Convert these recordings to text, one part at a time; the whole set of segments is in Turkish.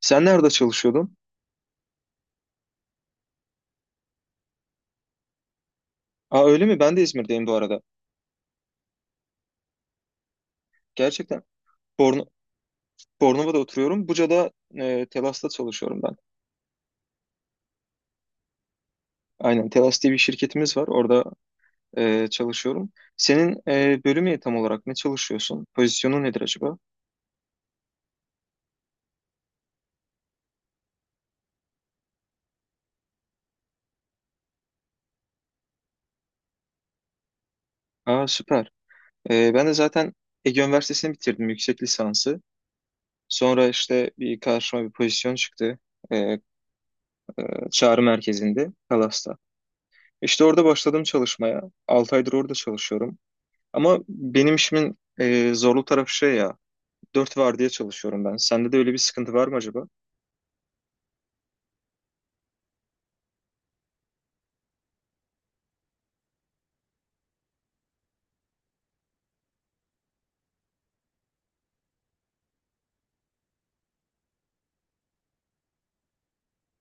Sen nerede çalışıyordun? Aa öyle mi? Ben de İzmir'deyim bu arada. Gerçekten. Borno, Bornova'da oturuyorum. Buca'da Telas'ta çalışıyorum ben. Aynen. Telas diye bir şirketimiz var. Orada çalışıyorum. Senin bölümü tam olarak ne çalışıyorsun? Pozisyonu nedir acaba? Aa süper. Ben de zaten Ege Üniversitesi'ni bitirdim. Yüksek lisansı. Sonra işte bir karşıma bir pozisyon çıktı. E, e, çağrı merkezinde. Telas'ta. İşte orada başladım çalışmaya. 6 aydır orada çalışıyorum. Ama benim işimin zorlu tarafı şey ya, dört vardiya çalışıyorum ben. Sende de öyle bir sıkıntı var mı acaba?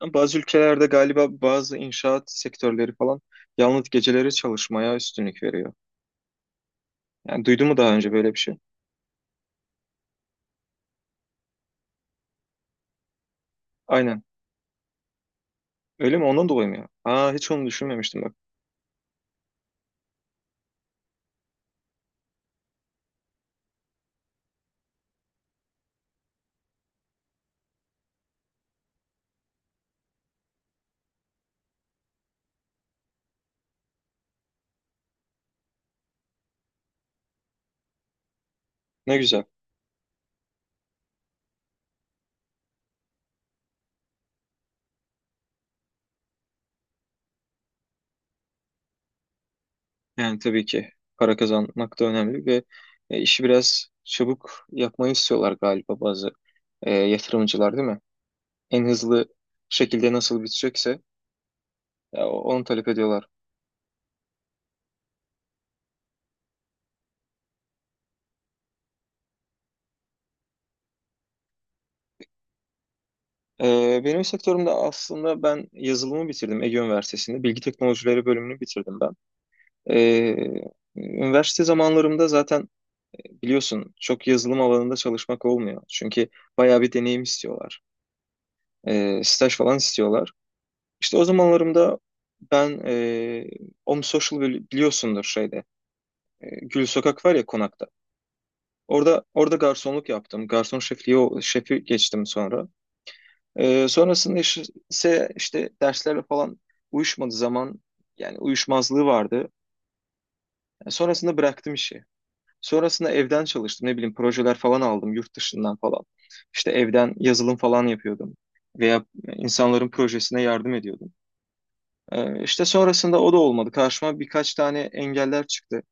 Ama bazı ülkelerde galiba bazı inşaat sektörleri falan yalnız geceleri çalışmaya üstünlük veriyor. Yani duydun mu daha önce böyle bir şey? Aynen. Öyle mi? Ondan dolayı mı ya? Aa hiç onu düşünmemiştim bak. Ne güzel. Yani tabii ki para kazanmak da önemli ve işi biraz çabuk yapmayı istiyorlar galiba bazı yatırımcılar değil mi? En hızlı şekilde nasıl bitecekse ya, onu talep ediyorlar. Benim sektörümde aslında ben yazılımı bitirdim Ege Üniversitesi'nde. Bilgi teknolojileri bölümünü bitirdim ben. Ee, üniversite zamanlarımda zaten biliyorsun çok yazılım alanında çalışmak olmuyor. Çünkü bayağı bir deneyim istiyorlar. Staj falan istiyorlar. İşte o zamanlarımda ben Om Social biliyorsundur şeyde. Gül Sokak var ya konakta. Orada garsonluk yaptım. Garson şefliği şefi geçtim sonra. Sonrasında iş- ise işte derslerle falan uyuşmadığı zaman yani uyuşmazlığı vardı. Yani sonrasında bıraktım işi. Sonrasında evden çalıştım. Ne bileyim projeler falan aldım yurt dışından falan. İşte evden yazılım falan yapıyordum. Veya insanların projesine yardım ediyordum. İşte sonrasında o da olmadı. Karşıma birkaç tane engeller çıktı.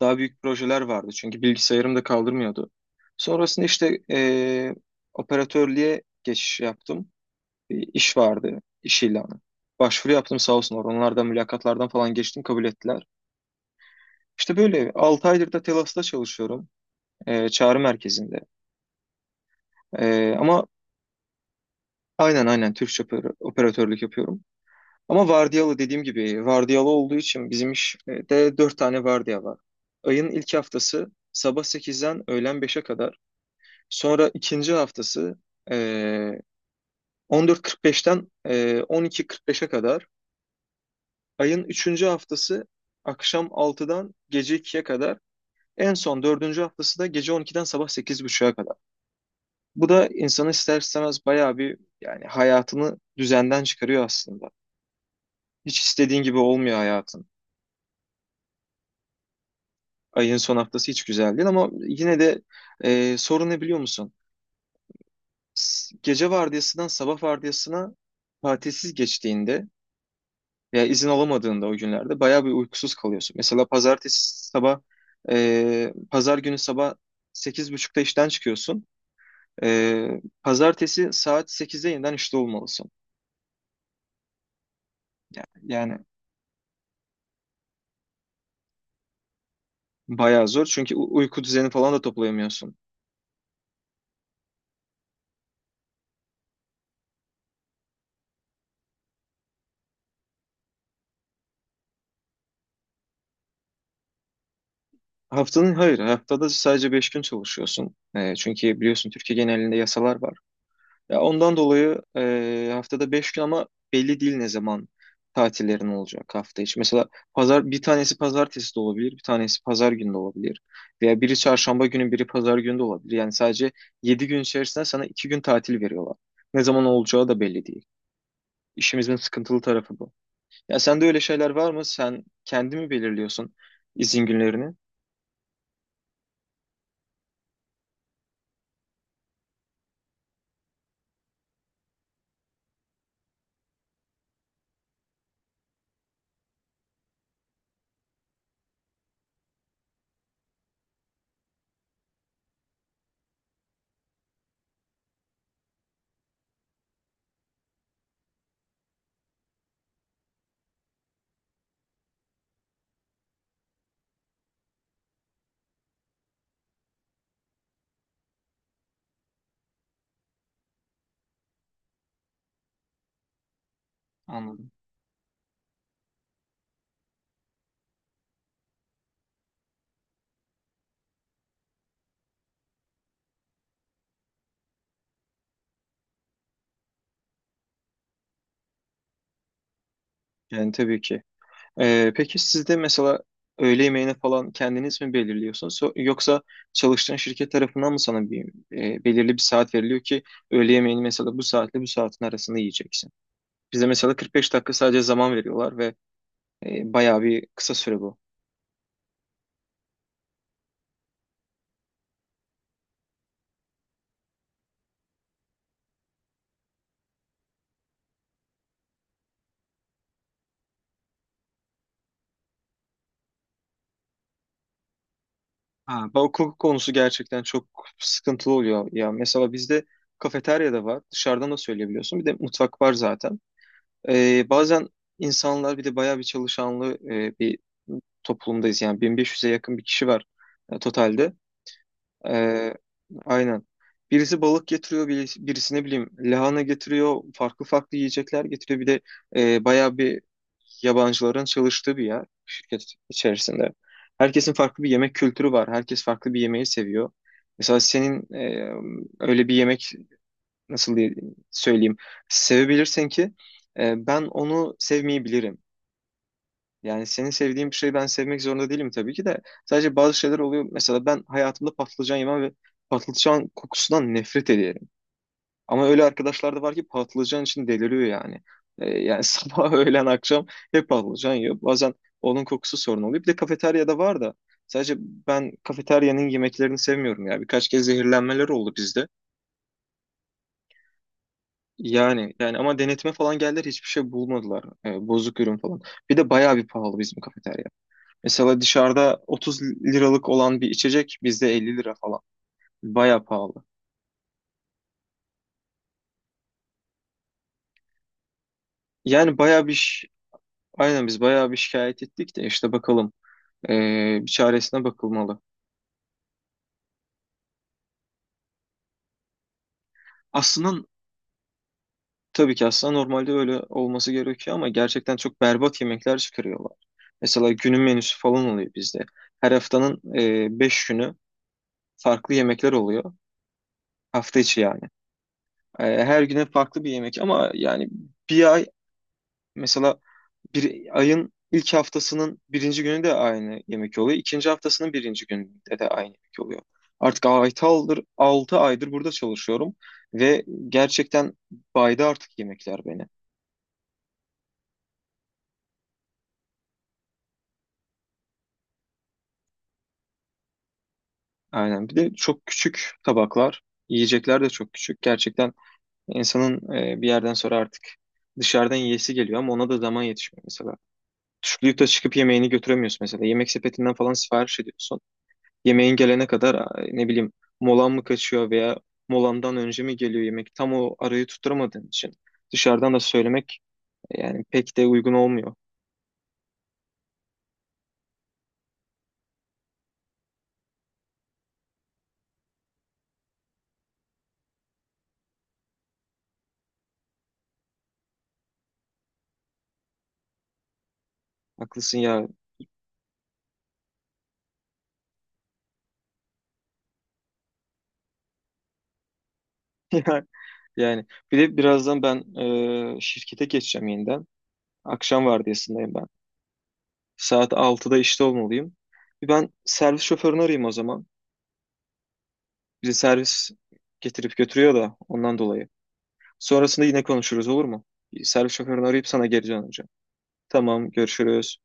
Daha büyük projeler vardı çünkü bilgisayarım da kaldırmıyordu. Sonrasında işte operatörlüğe geçiş yaptım. Bir iş vardı, iş ilanı. Başvuru yaptım sağ olsunlar. Onlardan mülakatlardan falan geçtim kabul ettiler. İşte böyle 6 aydır da Telas'ta çalışıyorum. E, çağrı merkezinde. Ama aynen Türkçe operatörlük yapıyorum. Ama vardiyalı dediğim gibi vardiyalı olduğu için bizim işte 4 tane vardiya var. Ayın ilk haftası sabah sekizden öğlen beşe kadar. Sonra ikinci haftası e, 14.45'ten 12.45'e kadar. Ayın üçüncü haftası akşam altıdan gece ikiye kadar. En son dördüncü haftası da gece on iki'den sabah 8.30'a kadar. Bu da insanı ister istemez bayağı bir yani hayatını düzenden çıkarıyor aslında. Hiç istediğin gibi olmuyor hayatın. Ayın son haftası hiç güzel değil ama yine de sorun ne biliyor musun? Gece vardiyasından sabah vardiyasına tatilsiz geçtiğinde veya izin alamadığında o günlerde bayağı bir uykusuz kalıyorsun. Mesela pazartesi sabah pazar günü sabah 8.30'da işten çıkıyorsun. E, pazartesi saat sekizde yeniden işte olmalısın. Yani, bayağı zor çünkü uyku düzeni falan da toplayamıyorsun. Haftanın hayır haftada sadece 5 gün çalışıyorsun. E, çünkü biliyorsun Türkiye genelinde yasalar var. Ya ondan dolayı haftada 5 gün ama belli değil ne zaman tatillerin olacak hafta içi. Mesela pazar bir tanesi pazartesi de olabilir, bir tanesi pazar günü de olabilir. Veya biri çarşamba günü, biri pazar günü de olabilir. Yani sadece 7 gün içerisinde sana 2 gün tatil veriyorlar. Ne zaman olacağı da belli değil. İşimizin sıkıntılı tarafı bu. Ya sende öyle şeyler var mı? Sen kendi mi belirliyorsun izin günlerini? Anladım. Yani tabii ki. Peki siz de mesela öğle yemeğini falan kendiniz mi belirliyorsunuz yoksa çalıştığın şirket tarafından mı sana bir belirli bir saat veriliyor ki öğle yemeğini mesela bu saatle bu saatin arasında yiyeceksin? Bize mesela 45 dakika sadece zaman veriyorlar ve bayağı bir kısa süre bu. Ha, bu hukuk konusu gerçekten çok sıkıntılı oluyor ya. Mesela bizde kafeterya da var, dışarıdan da söyleyebiliyorsun. Bir de mutfak var zaten. Bazen insanlar bir de bayağı bir çalışanlı bir toplumdayız. Yani 1.500'e yakın bir kişi var totalde. Ee, aynen. Birisi balık getiriyor, birisi ne bileyim lahana getiriyor, farklı farklı yiyecekler getiriyor. Bir de bayağı bir yabancıların çalıştığı bir yer şirket içerisinde. Herkesin farklı bir yemek kültürü var. Herkes farklı bir yemeği seviyor. Mesela senin öyle bir yemek nasıl diye söyleyeyim sevebilirsin ki ben onu sevmeyebilirim. Yani senin sevdiğin bir şeyi ben sevmek zorunda değilim tabii ki de sadece bazı şeyler oluyor. Mesela ben hayatımda patlıcan yemem ve patlıcan kokusundan nefret ederim. Ama öyle arkadaşlar da var ki patlıcan için deliriyor yani. Yani sabah, öğlen, akşam hep patlıcan yiyor. Bazen onun kokusu sorun oluyor. Bir de kafeteryada var da sadece ben kafeteryanın yemeklerini sevmiyorum ya. Birkaç kez zehirlenmeler oldu bizde. Yani ama denetime falan geldiler hiçbir şey bulmadılar. Bozuk ürün falan. Bir de bayağı bir pahalı bizim kafeterya. Mesela dışarıda 30 liralık olan bir içecek bizde 50 lira falan. Bayağı pahalı. Yani bayağı bir ş- aynen, biz bayağı bir şikayet ettik de işte bakalım bir çaresine bakılmalı. Aslında tabii ki, normalde öyle olması gerekiyor ama gerçekten çok berbat yemekler çıkarıyorlar. Mesela günün menüsü falan oluyor bizde. Her haftanın 5 günü farklı yemekler oluyor. Hafta içi yani. E, her güne farklı bir yemek ama yani bir ay mesela bir ayın ilk haftasının birinci günü de aynı yemek oluyor. İkinci haftasının birinci gününde de aynı yemek oluyor. Artık 6 aydır burada çalışıyorum ve gerçekten baydı artık yemekler beni. Aynen. Bir de çok küçük tabaklar, yiyecekler de çok küçük. Gerçekten insanın bir yerden sonra artık dışarıdan yiyesi geliyor ama ona da zaman yetişmiyor mesela. Çocukta çıkıp yemeğini götüremiyorsun mesela. Yemek sepetinden falan sipariş ediyorsun. Yemeğin gelene kadar ne bileyim molan mı kaçıyor veya molandan önce mi geliyor yemek? Tam o arayı tutturamadığın için dışarıdan da söylemek yani pek de uygun olmuyor. Haklısın ya. Yani bir de birazdan ben şirkete geçeceğim yeniden. Akşam vardiyasındayım ben. Saat altıda işte olmalıyım. Bir ben servis şoförünü arayayım o zaman. Bizi servis getirip götürüyor da ondan dolayı. Sonrasında yine konuşuruz olur mu? Bir servis şoförünü arayıp sana geri döneceğim. Tamam görüşürüz.